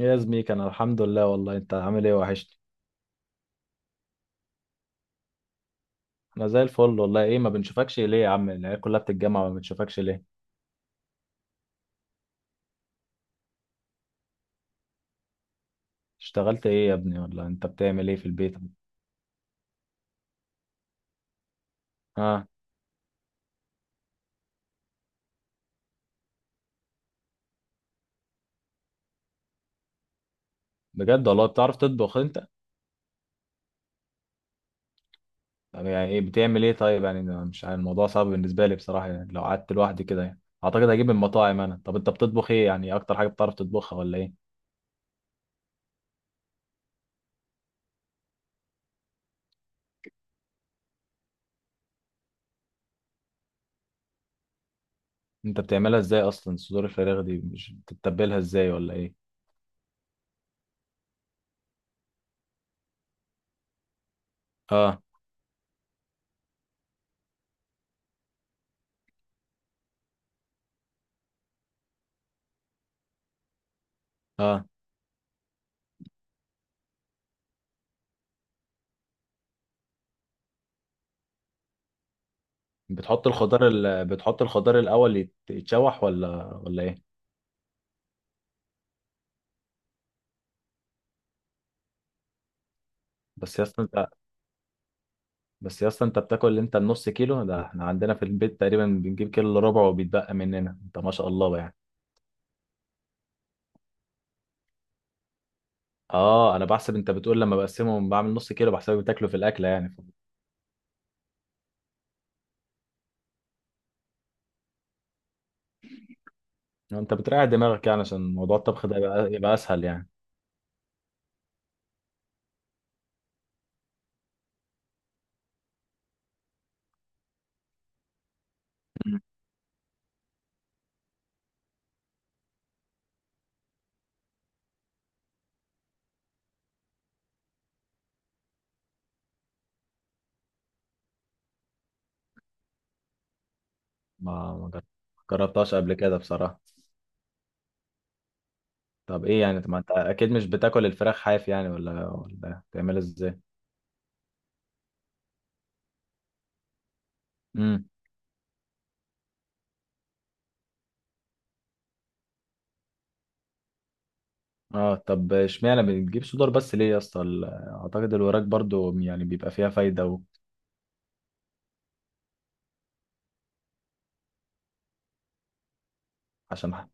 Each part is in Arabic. يا زميك انا الحمد لله. والله انت عامل ايه؟ وحشني. انا زي الفل والله. ايه ما بنشوفكش ليه يا عم؟ العيال كلها بتتجمع ما بنشوفكش ليه؟ اشتغلت ايه يا ابني ولا انت بتعمل ايه في البيت؟ اه. بجد والله؟ بتعرف تطبخ انت؟ طب يعني ايه بتعمل ايه طيب؟ يعني أنا مش عارف، الموضوع صعب بالنسبه لي بصراحه، يعني لو قعدت لوحدي كده يعني اعتقد هجيب من المطاعم انا. طب انت بتطبخ ايه يعني؟ اكتر حاجه بتعرف تطبخها ولا ايه؟ انت بتعملها ازاي اصلا؟ صدور الفراخ دي مش بتتبلها ازاي ولا ايه؟ اه. اه. بتحط الخضار بتحط الخضار الاول يتشوح ولا ولا ايه؟ بس يا اسطى انت بس يا اسطى انت بتاكل انت النص كيلو ده؟ احنا عندنا في البيت تقريبا بنجيب كيلو الا ربع وبيتبقى مننا، انت ما شاء الله بقى يعني. اه انا بحسب، انت بتقول لما بقسمهم بعمل نص كيلو، بحسبك بتاكله في الاكله يعني. انت بتريح دماغك يعني عشان موضوع الطبخ ده يبقى، يبقى اسهل يعني. مم. ما ما جر- جربتهاش قبل كده بصراحه. طب ايه يعني، ما انت اكيد مش بتاكل الفراخ حاف يعني، ولا ولا بتعملها ازاي؟ امم. اه طب اشمعنى بتجيب صدور بس ليه يا اسطى؟ اعتقد الوراك برضو يعني بيبقى فيها فايده عشان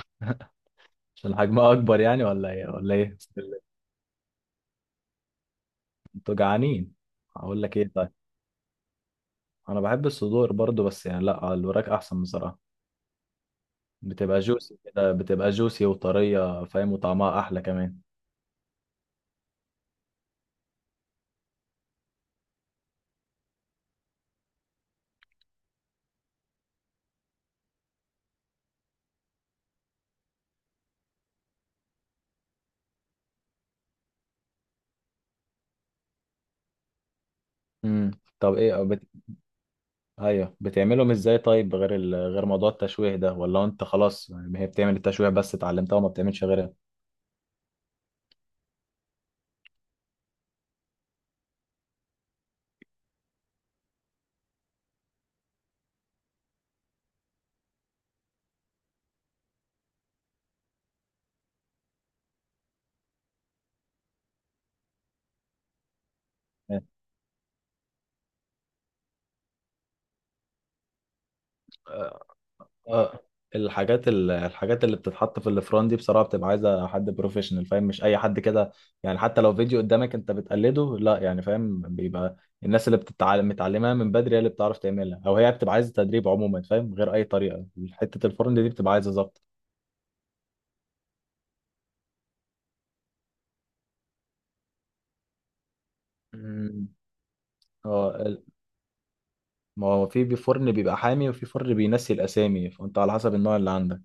عشان حجمها اكبر يعني ولا ايه ولا ايه؟ انتوا جعانين. هقول لك ايه طيب، انا بحب الصدور برضو بس يعني لا، الوراك احسن بصراحه. بتبقى جوسي كده، بتبقى جوسي وطريه فاهم، وطعمها احلى كمان. امم. طب ايه بت... ايوه بتعملهم ازاي طيب؟ غير موضوع التشويه ده ولا انت خلاص يعني هي بتعمل التشويه بس اتعلمتها وما بتعملش غيرها؟ اه. الحاجات الحاجات اللي بتتحط في الفران دي بصراحه بتبقى عايزه حد بروفيشنال فاهم، مش اي حد كده. يعني حتى لو فيديو قدامك انت بتقلده لا يعني فاهم، بيبقى الناس اللي بتتعلم متعلمها من بدري هي اللي بتعرف تعملها، او هي بتبقى عايزه تدريب عموما فاهم غير اي طريقه. حته الفرن دي بتبقى عايزه ظبط. مم. اه ما هو في فرن بيبقى حامي، وفي فرن بينسي الاسامي، فانت على حسب النوع اللي عندك.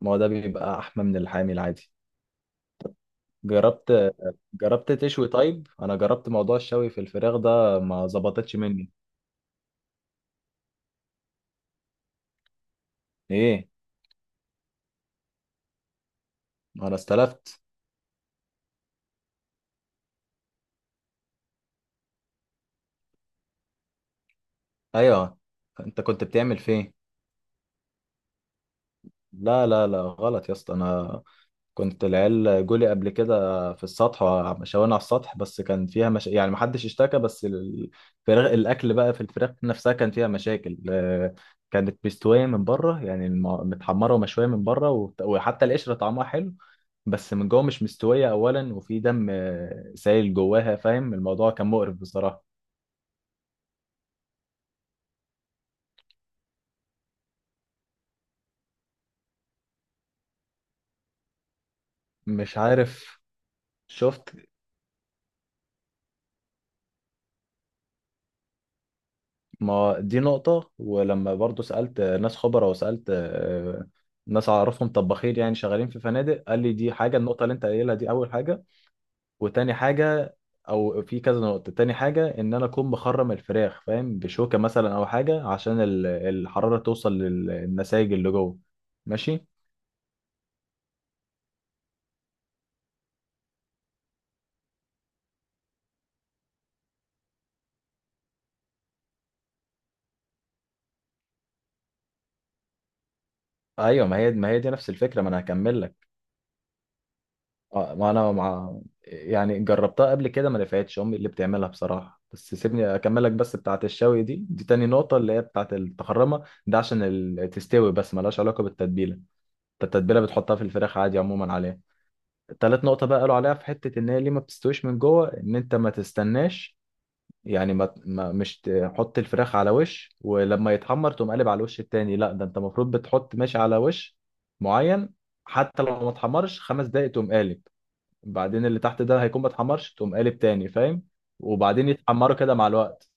ما هو ده بيبقى احمى من الحامي العادي. جربت. جربت تشوي طيب؟ انا جربت موضوع الشوي في الفراخ ده ما ظبطتش مني. ايه؟ انا استلفت. ايوه انت كنت بتعمل فين؟ لا لا لا غلط يا اسطى، انا كنت العيال جولي قبل كده في السطح. شوانا على السطح بس كان فيها مش... يعني ما حدش اشتكى، بس الفراخ الاكل بقى في الفراخ نفسها كان فيها مشاكل. كانت مستويه من بره يعني متحمره ومشويه من بره وحتى القشره طعمها حلو. بس من جوه مش مستوية أولا، وفي دم سايل جواها فاهم، الموضوع كان مقرف بصراحة. مش عارف. شفت؟ ما دي نقطة. ولما برضو سألت ناس خبراء وسألت ناس أعرفهم طباخين يعني شغالين في فنادق، قال لي دي حاجة، النقطة اللي أنت قايلها دي أول حاجة. وتاني حاجة، أو في كذا نقطة، تاني حاجة إن أنا أكون مخرم الفراخ فاهم، بشوكة مثلا أو حاجة، عشان الحرارة توصل للنسايج اللي جوه. ماشي. ايوه ما هي دي نفس الفكره، ما انا هكمل لك. اه ما انا مع، يعني جربتها قبل كده ما نفعتش، امي اللي بتعملها بصراحه. بس سيبني اكملك، بس بتاعه الشوي دي، دي تاني نقطه اللي هي بتاعه التخرمه ده عشان تستوي، بس ملهاش علاقه بالتتبيله. انت التتبيله بتحطها في الفراخ عادي عموما عليها. تالت نقطه بقى قالوا عليها في حته ان هي ليه ما بتستويش من جوه، ان انت ما تستناش يعني ما مش تحط الفراخ على وش ولما يتحمر تقوم قالب على الوش التاني، لا، ده انت المفروض بتحط ماشي على وش معين. حتى لو ما اتحمرش خمس دقايق تقوم قالب. بعدين اللي تحت ده هيكون ما اتحمرش تقوم قالب تاني فاهم؟ وبعدين يتحمروا كده مع الوقت.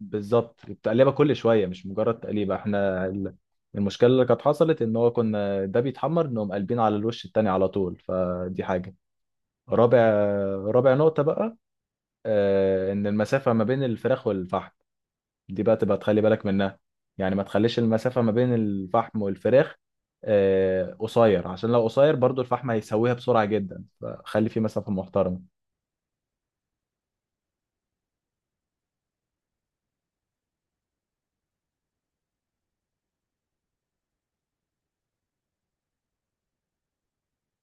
بالظبط بتقلبها كل شويه، مش مجرد تقليبه. احنا المشكله اللي كانت حصلت ان هو كنا ده بيتحمر نقوم قالبين على الوش التاني على طول، فدي حاجه. رابع رابع نقطه بقى، ان المسافه ما بين الفراخ والفحم دي بقى تبقى تخلي بالك منها. يعني ما تخليش المسافه ما بين الفحم والفراخ قصير، عشان لو قصير برضو الفحم هيسويها بسرعه جدا، فخلي في مسافه محترمه.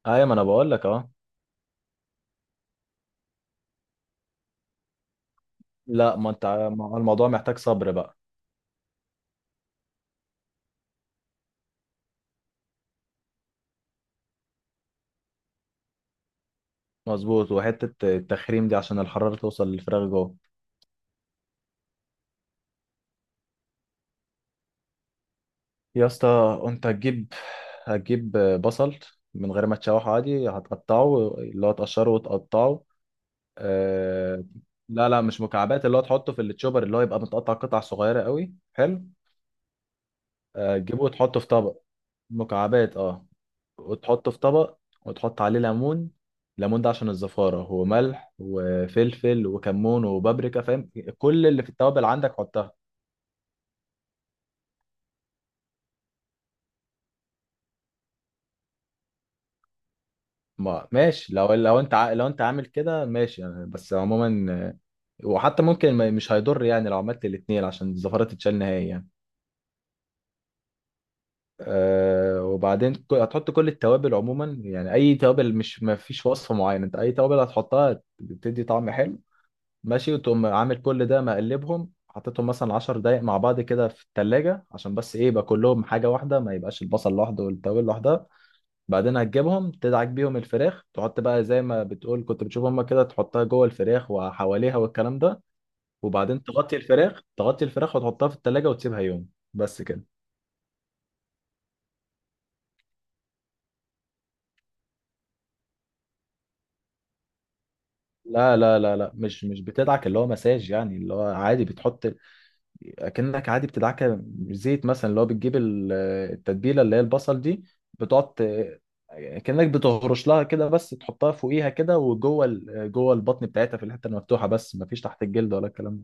ايوه ما انا بقول لك. اه لا، ما انت ما هو الموضوع محتاج صبر بقى. مظبوط. وحته التخريم دي عشان الحراره توصل للفراخ جوه. يا اسطى انت هتجيب، هتجيب بصل من غير ما تشوحه، عادي هتقطعه اللي هو تقشره وتقطعه. آه... لا لا مش مكعبات، اللي هو تحطه في التشوبر اللي هو يبقى متقطع قطع صغيره قوي حلو. تجيبه وتحطه في طبق. مكعبات اه. وتحطه في طبق، وتحط عليه ليمون. الليمون ده عشان الزفارة، وملح وفلفل وكمون وبابريكا فاهم، كل اللي في التوابل عندك حطها. ما ماشي، لو لو انت لو انت عامل كده ماشي يعني. بس عموما وحتى ممكن مش هيضر يعني لو عملت الاتنين عشان الزفارة تتشال نهائي يعني. أه وبعدين هتحط كل التوابل عموما، يعني اي توابل، مش ما فيش وصفة معينة، انت اي توابل هتحطها بتدي طعم حلو ماشي. وتقوم عامل كل ده، مقلبهم، حطيتهم مثلا 10 دقايق مع بعض كده في التلاجة، عشان بس ايه، يبقى كلهم حاجة واحدة، ما يبقاش البصل لوحده والتوابل لوحدها. بعدين هتجيبهم تدعك بيهم الفراخ، تحط بقى زي ما بتقول كنت بتشوف هما كده، تحطها جوه الفراخ وحواليها والكلام ده. وبعدين تغطي الفراخ، تغطي الفراخ وتحطها في التلاجة وتسيبها يوم بس كده. لا لا لا لا، مش مش بتدعك اللي هو مساج يعني، اللي هو عادي بتحط، اكنك عادي بتدعكه زيت مثلا، اللي هو بتجيب التتبيله اللي هي البصل دي. بتقعد ت- كأنك بتهرش لها كده بس، تحطها فوقيها كده وجوه جوه البطن بتاعتها في الحته المفتوحه، بس مفيش تحت الجلد ولا الكلام ده.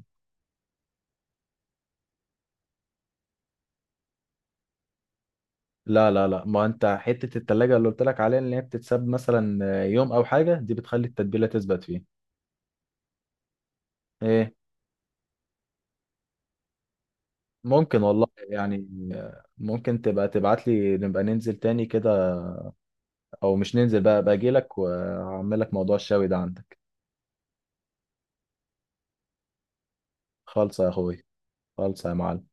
لا لا لا، ما انت حته التلاجة اللي قلت لك عليها اللي هي بتتساب مثلا يوم او حاجه، دي بتخلي التتبيله تثبت فيه. ايه؟ ممكن والله يعني. ممكن تبقى تبعت لي نبقى ننزل تاني كده، او مش ننزل بقى، باجي لك واعمل لك موضوع الشاوي ده عندك. خالص يا اخوي. خالص يا معلم.